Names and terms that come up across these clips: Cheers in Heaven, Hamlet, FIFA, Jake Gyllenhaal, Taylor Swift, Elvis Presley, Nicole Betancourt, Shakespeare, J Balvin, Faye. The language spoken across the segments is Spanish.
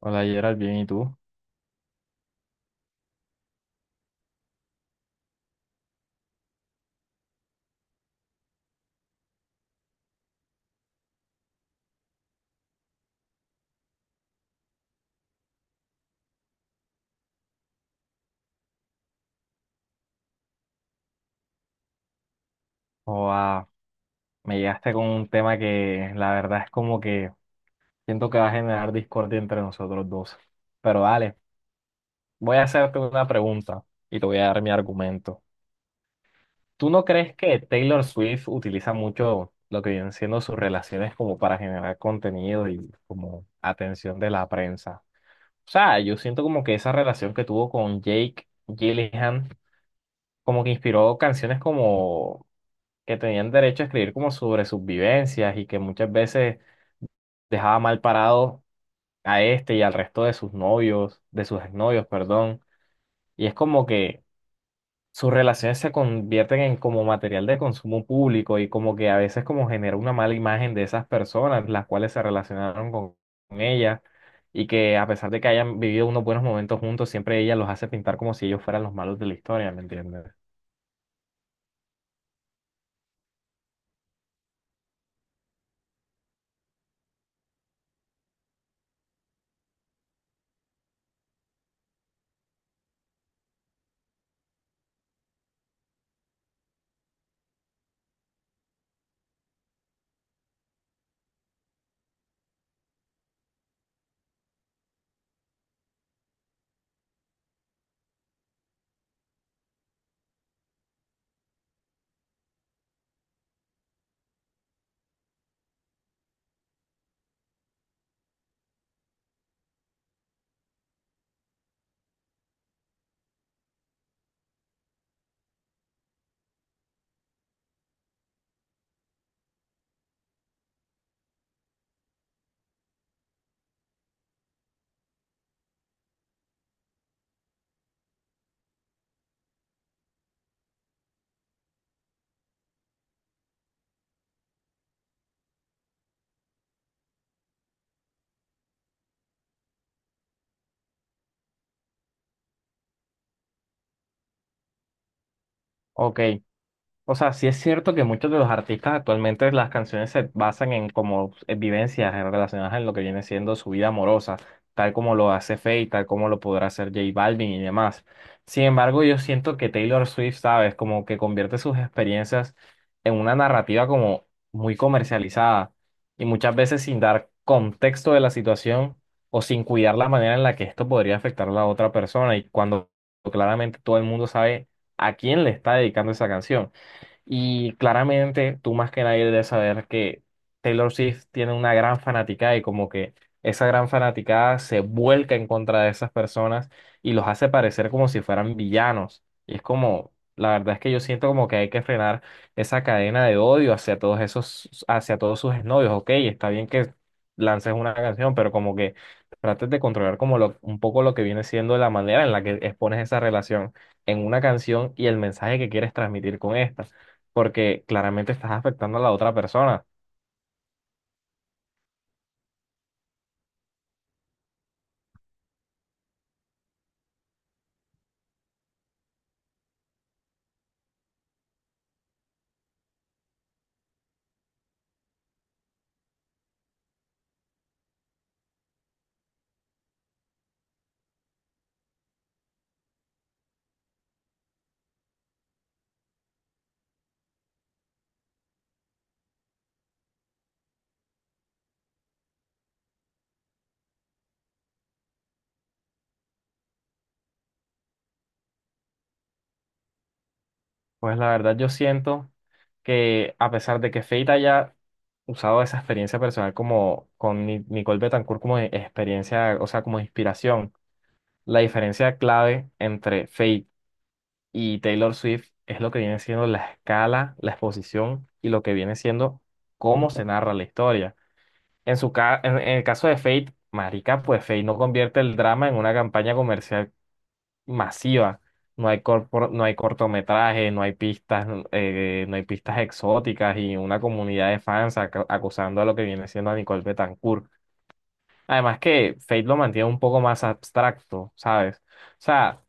Hola Gerald, bien, ¿y tú? Joa, me llegaste con un tema que la verdad es como que siento que va a generar discordia entre nosotros dos. Pero dale, voy a hacerte una pregunta y te voy a dar mi argumento. ¿Tú no crees que Taylor Swift utiliza mucho lo que vienen siendo sus relaciones como para generar contenido y como atención de la prensa? O sea, yo siento como que esa relación que tuvo con Jake Gyllenhaal como que inspiró canciones como que tenían derecho a escribir como sobre sus vivencias y que muchas veces dejaba mal parado a este y al resto de sus novios, de sus exnovios, perdón. Y es como que sus relaciones se convierten en como material de consumo público y como que a veces como genera una mala imagen de esas personas, las cuales se relacionaron con ella, y que a pesar de que hayan vivido unos buenos momentos juntos, siempre ella los hace pintar como si ellos fueran los malos de la historia, ¿me entiendes? Ok, o sea, sí es cierto que muchos de los artistas actualmente las canciones se basan en como en vivencias relacionadas en lo que viene siendo su vida amorosa, tal como lo hace Faye, tal como lo podrá hacer J Balvin y demás. Sin embargo, yo siento que Taylor Swift, ¿sabes? Como que convierte sus experiencias en una narrativa como muy comercializada y muchas veces sin dar contexto de la situación o sin cuidar la manera en la que esto podría afectar a la otra persona, y cuando claramente todo el mundo sabe a quién le está dedicando esa canción. Y claramente tú más que nadie debes saber que Taylor Swift tiene una gran fanaticada y como que esa gran fanaticada se vuelca en contra de esas personas y los hace parecer como si fueran villanos. Y es como, la verdad es que yo siento como que hay que frenar esa cadena de odio hacia todos esos, hacia todos sus novios. Ok, está bien que lances una canción, pero como que trates de controlar como lo, un poco lo que viene siendo la manera en la que expones esa relación en una canción y el mensaje que quieres transmitir con esta, porque claramente estás afectando a la otra persona. Pues la verdad yo siento que a pesar de que Fate haya usado esa experiencia personal como con Nicole Betancourt como experiencia, o sea, como inspiración, la diferencia clave entre Fate y Taylor Swift es lo que viene siendo la escala, la exposición y lo que viene siendo cómo se narra la historia. En el caso de Fate, marica, pues Fate no convierte el drama en una campaña comercial masiva. No hay no hay cortometrajes, no hay pistas, no hay pistas exóticas y una comunidad de fans acusando a lo que viene siendo a Nicole Betancourt. Además que Fate lo mantiene un poco más abstracto, ¿sabes? O sea,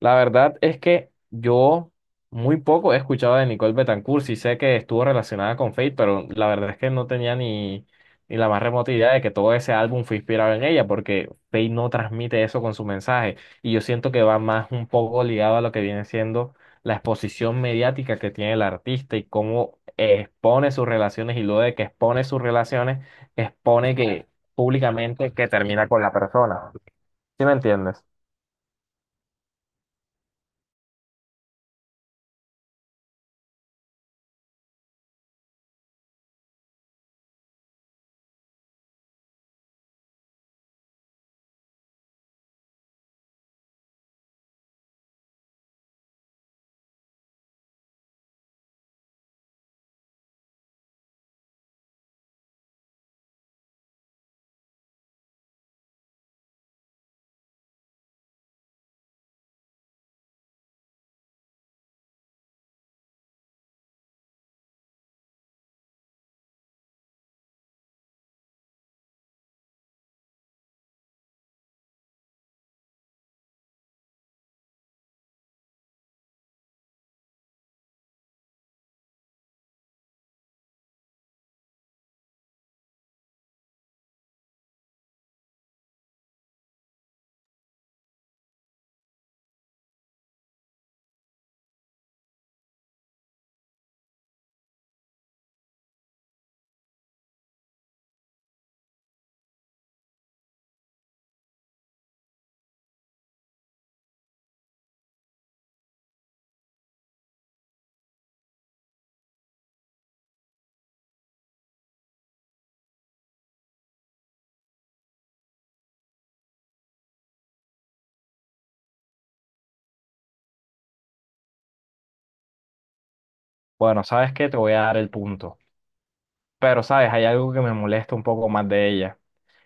la verdad es que yo muy poco he escuchado de Nicole Betancourt. Sí sé que estuvo relacionada con Fate, pero la verdad es que no tenía ni la más remota idea de que todo ese álbum fue inspirado en ella, porque Fate no transmite eso con su mensaje. Y yo siento que va más un poco ligado a lo que viene siendo la exposición mediática que tiene el artista y cómo expone sus relaciones y luego de que expone sus relaciones, expone que públicamente que termina con la persona. ¿Sí me entiendes? Bueno, ¿sabes que te voy a dar el punto? Pero, ¿sabes? Hay algo que me molesta un poco más de ella.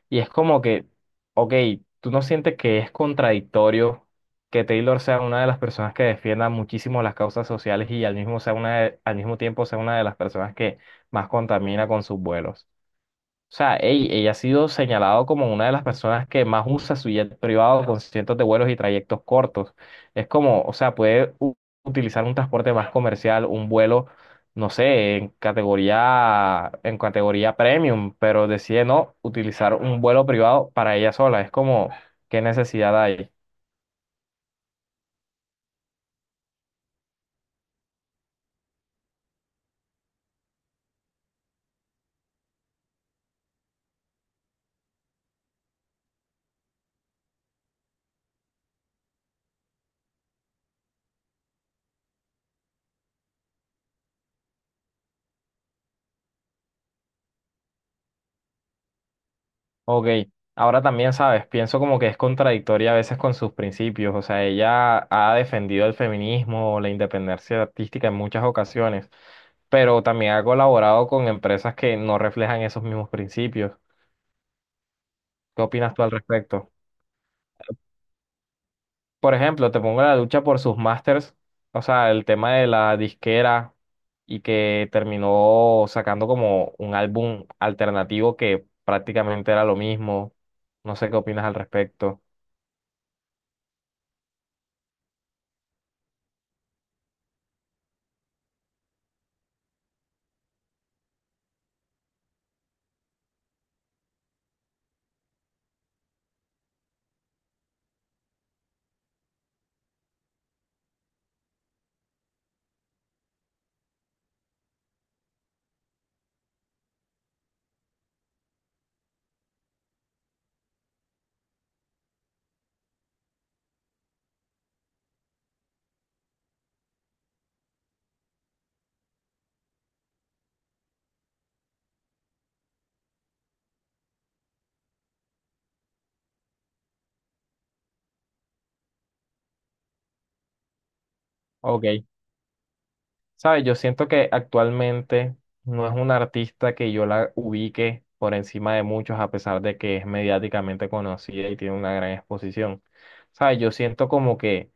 Y es como que, ok, ¿tú no sientes que es contradictorio que Taylor sea una de las personas que defienda muchísimo las causas sociales y al mismo, sea al mismo tiempo sea una de las personas que más contamina con sus vuelos? O sea, ey, ella ha sido señalado como una de las personas que más usa su jet privado con cientos de vuelos y trayectos cortos. Es como, o sea, puede utilizar un transporte más comercial, un vuelo, no sé, en categoría premium, pero decide no utilizar un vuelo privado para ella sola. Es como, ¿qué necesidad hay? Ok, ahora también sabes, pienso como que es contradictoria a veces con sus principios. O sea, ella ha defendido el feminismo, la independencia artística en muchas ocasiones, pero también ha colaborado con empresas que no reflejan esos mismos principios. ¿Qué opinas tú al respecto? Por ejemplo, te pongo la lucha por sus masters, o sea, el tema de la disquera y que terminó sacando como un álbum alternativo que prácticamente era lo mismo. No sé qué opinas al respecto. Ok. ¿Sabes? Yo siento que actualmente no es una artista que yo la ubique por encima de muchos, a pesar de que es mediáticamente conocida y tiene una gran exposición. ¿Sabes? Yo siento como que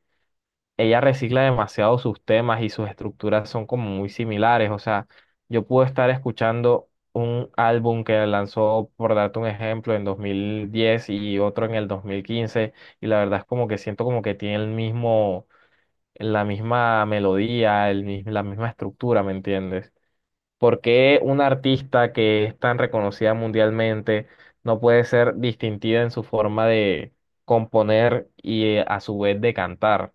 ella recicla demasiado sus temas y sus estructuras son como muy similares. O sea, yo puedo estar escuchando un álbum que lanzó, por darte un ejemplo, en 2010 y otro en el 2015, y la verdad es como que siento como que tiene el mismo la misma melodía, la misma estructura, ¿me entiendes? ¿Por qué una artista que es tan reconocida mundialmente no puede ser distintiva en su forma de componer y, a su vez, de cantar?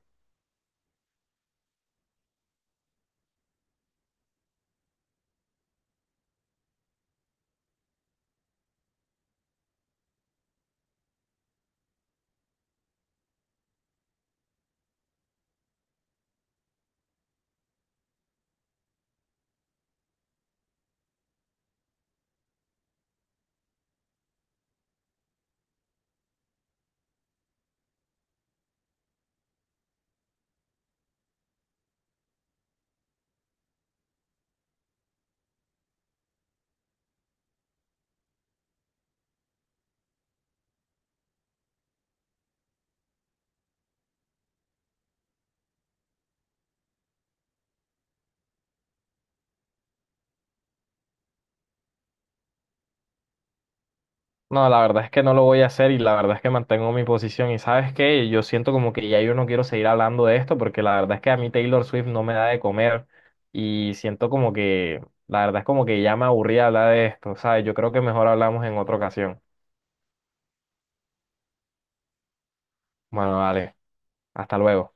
No, la verdad es que no lo voy a hacer y la verdad es que mantengo mi posición. Y sabes qué, yo siento como que ya yo no quiero seguir hablando de esto porque la verdad es que a mí Taylor Swift no me da de comer, y siento como que, la verdad es como que ya me aburrí hablar de esto, ¿sabes? Yo creo que mejor hablamos en otra ocasión. Bueno, vale. Hasta luego.